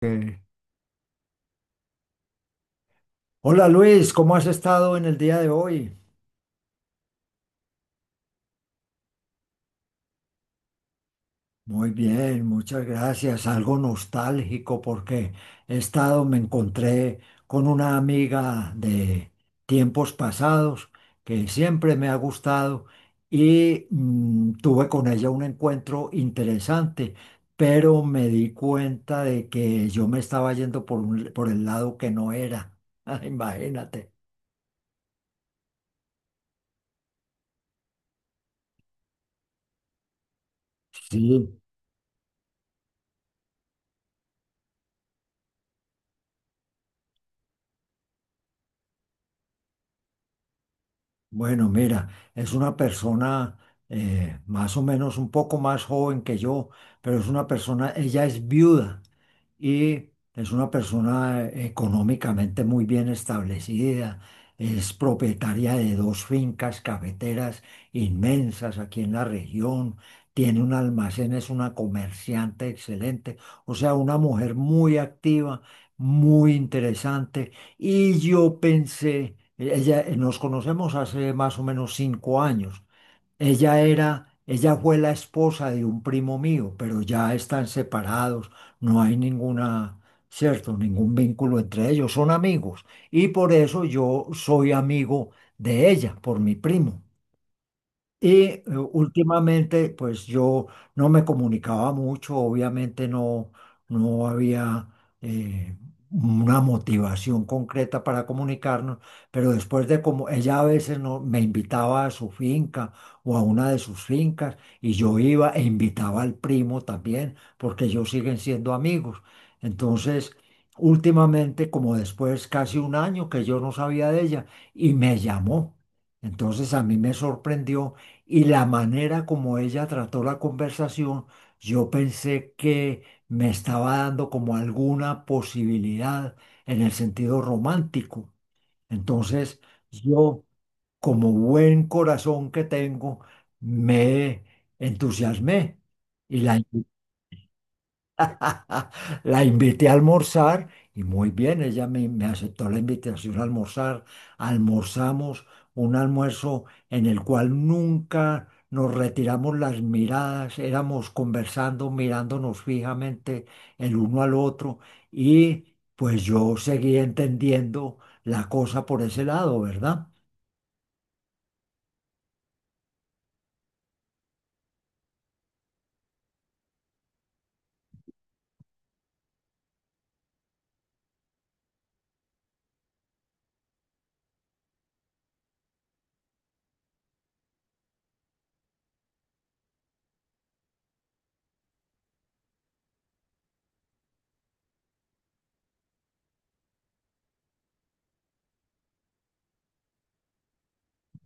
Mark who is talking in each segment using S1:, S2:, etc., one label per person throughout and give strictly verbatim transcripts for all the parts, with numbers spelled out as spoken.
S1: Ok. Hola Luis, ¿cómo has estado en el día de hoy? Muy bien, muchas gracias. Algo nostálgico porque he estado, me encontré con una amiga de tiempos pasados que siempre me ha gustado y mm, tuve con ella un encuentro interesante, pero me di cuenta de que yo me estaba yendo por un- por el lado que no era. Imagínate. Sí. Bueno, mira, es una persona eh, más o menos un poco más joven que yo, pero es una persona, ella es viuda y es una persona eh, económicamente muy bien establecida, es propietaria de dos fincas cafeteras inmensas aquí en la región, tiene un almacén, es una comerciante excelente, o sea, una mujer muy activa, muy interesante y yo pensé, ella, eh, nos conocemos hace más o menos cinco años. Ella era, ella fue la esposa de un primo mío, pero ya están separados, no hay ninguna, cierto, ningún vínculo entre ellos, son amigos. Y por eso yo soy amigo de ella, por mi primo. Y eh, últimamente, pues yo no me comunicaba mucho, obviamente no, no había eh, una motivación concreta para comunicarnos, pero después de como ella a veces no, me invitaba a su finca o a una de sus fincas y yo iba e invitaba al primo también, porque ellos siguen siendo amigos. Entonces, últimamente, como después casi un año que yo no sabía de ella, y me llamó. Entonces a mí me sorprendió y la manera como ella trató la conversación, yo pensé que me estaba dando como alguna posibilidad en el sentido romántico. Entonces, yo, como buen corazón que tengo, me entusiasmé y la La invité a almorzar y muy bien, ella me, me aceptó la invitación a almorzar. Almorzamos un almuerzo en el cual nunca nos retiramos las miradas, éramos conversando, mirándonos fijamente el uno al otro y pues yo seguí entendiendo la cosa por ese lado, ¿verdad?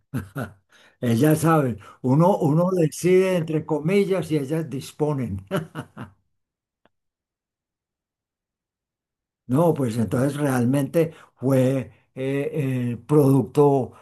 S1: Ellas saben, uno, uno decide entre comillas y ellas disponen. No, pues entonces realmente fue eh, el producto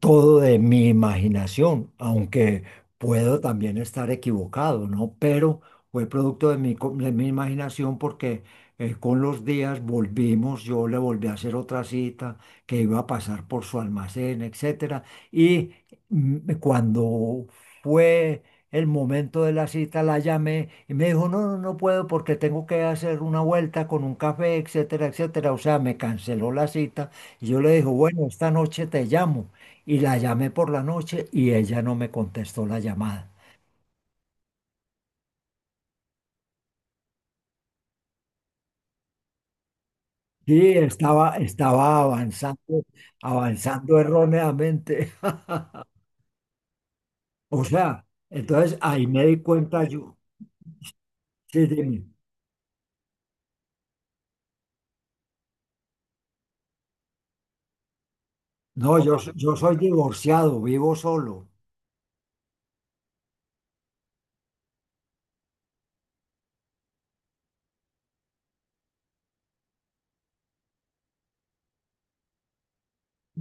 S1: todo de mi imaginación, aunque puedo también estar equivocado, ¿no? Pero fue producto de mi, co- de mi imaginación porque eh, con los días volvimos, yo le volví a hacer otra cita que iba a pasar por su almacén, etcétera. Y mm, cuando fue el momento de la cita, la llamé y me dijo, no, no, no puedo porque tengo que hacer una vuelta con un café, etcétera, etcétera. O sea, me canceló la cita y yo le dije, bueno, esta noche te llamo. Y la llamé por la noche y ella no me contestó la llamada. Sí, estaba, estaba avanzando, avanzando erróneamente. O sea, entonces ahí me di cuenta yo. Sí, dime. No, yo, so- yo soy divorciado, vivo solo.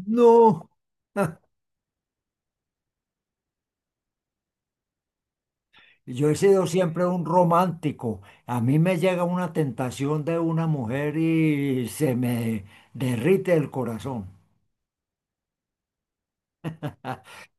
S1: No. Yo he sido siempre un romántico. A mí me llega una tentación de una mujer y se me derrite el corazón.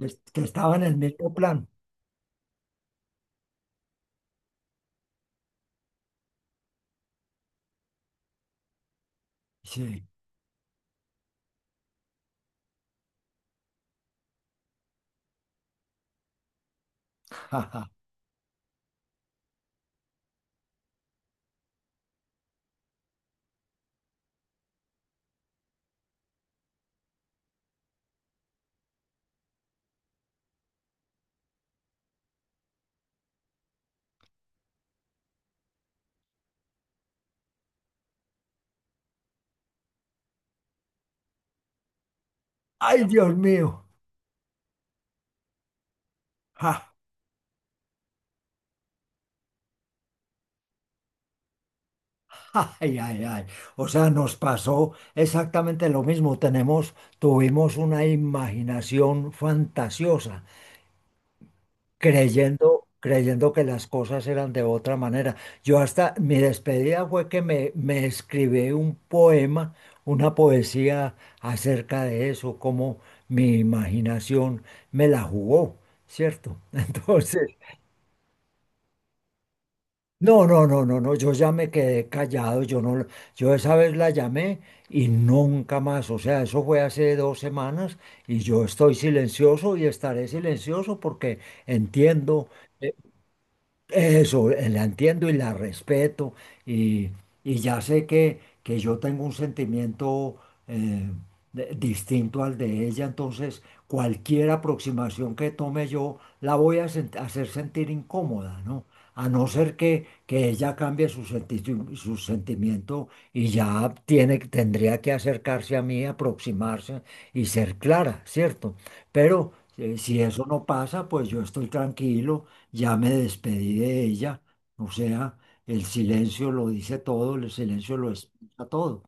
S1: Es que estaba en el mismo plan. Sí. Ay, Dios mío. Ja, ja, ay, ay, ay. O sea, nos pasó exactamente lo mismo. Tenemos, tuvimos una imaginación fantasiosa, creyendo, creyendo que las cosas eran de otra manera. Yo hasta mi despedida fue que me, me escribí un poema, una poesía acerca de eso, cómo mi imaginación me la jugó, ¿cierto? Entonces, no, no, no, no, no, yo ya me quedé callado, yo no, yo esa vez la llamé y nunca más, o sea, eso fue hace dos semanas y yo estoy silencioso y estaré silencioso porque entiendo. Eso, eh, la entiendo y la respeto y, y ya sé que, que yo tengo un sentimiento eh, de- distinto al de ella, entonces cualquier aproximación que tome yo la voy a sent- hacer sentir incómoda, ¿no? A no ser que, que ella cambie su, senti- su sentimiento y ya tiene, tendría que acercarse a mí, aproximarse y ser clara, ¿cierto? Pero eh, si eso no pasa, pues yo estoy tranquilo, ya me despedí de ella, o sea, el silencio lo dice todo, el silencio lo explica todo.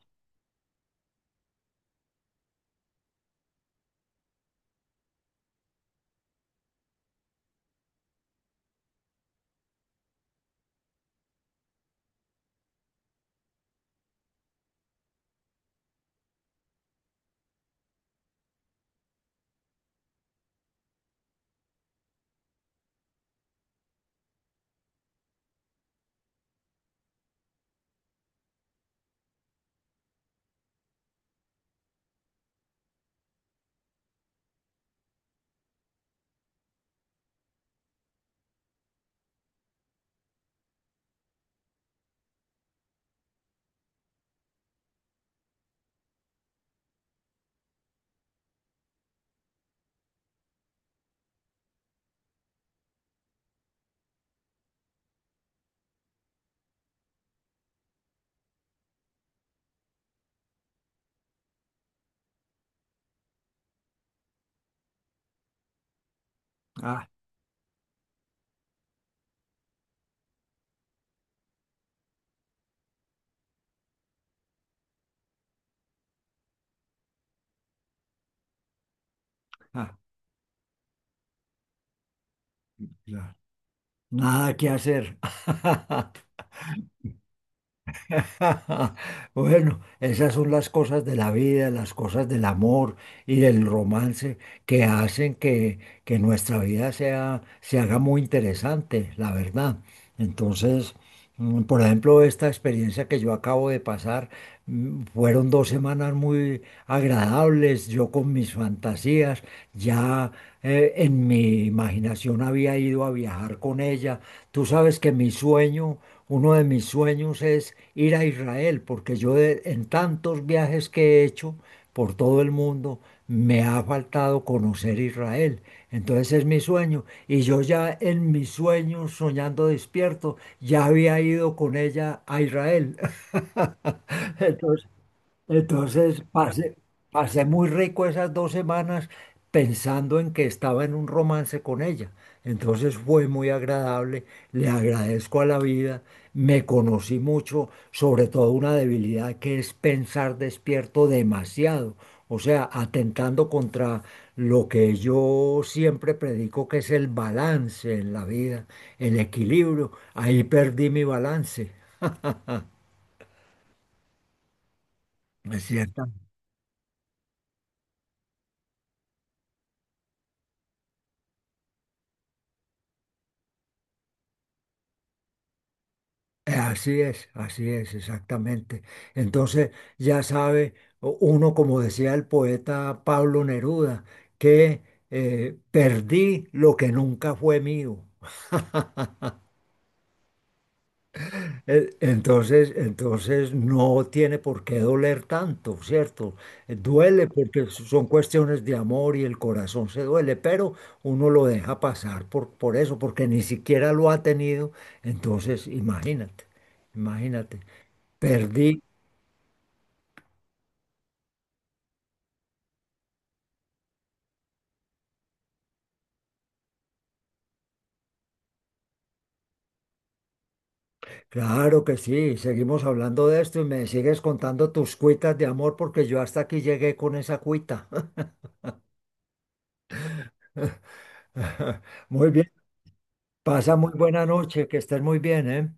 S1: Ah, ah, ya. Nada que hacer. Bueno, esas son las cosas de la vida, las cosas del amor y del romance que hacen que, que nuestra vida sea, se haga muy interesante, la verdad. Entonces, mm, por ejemplo, esta experiencia que yo acabo de pasar, mm, fueron dos semanas muy agradables, yo con mis fantasías, ya eh, en mi imaginación había ido a viajar con ella. Tú sabes que mi sueño, uno de mis sueños es ir a Israel, porque yo de- en tantos viajes que he hecho por todo el mundo, me ha faltado conocer Israel. Entonces es mi sueño. Y yo ya en mis sueños, soñando despierto, ya había ido con ella a Israel. Entonces, entonces pasé, pasé muy rico esas dos semanas pensando en que estaba en un romance con ella. Entonces fue muy agradable, le agradezco a la vida, me conocí mucho, sobre todo una debilidad que es pensar despierto demasiado, o sea, atentando contra lo que yo siempre predico que es el balance en la vida, el equilibrio. Ahí perdí mi balance, ¿no es cierto? Eh, Así es, así es, exactamente. Entonces, ya sabe o- uno, como decía el poeta Pablo Neruda, que eh, perdí lo que nunca fue mío. Eh, Entonces, entonces no tiene por qué doler tanto, ¿cierto? Eh, Duele porque son cuestiones de amor y el corazón se duele, pero uno lo deja pasar por, por eso, porque ni siquiera lo ha tenido. Entonces, imagínate, imagínate. Perdí. Claro que sí, seguimos hablando de esto y me sigues contando tus cuitas de amor porque yo hasta aquí llegué con esa cuita. Muy bien, pasa muy buena noche, que estés muy bien, ¿eh?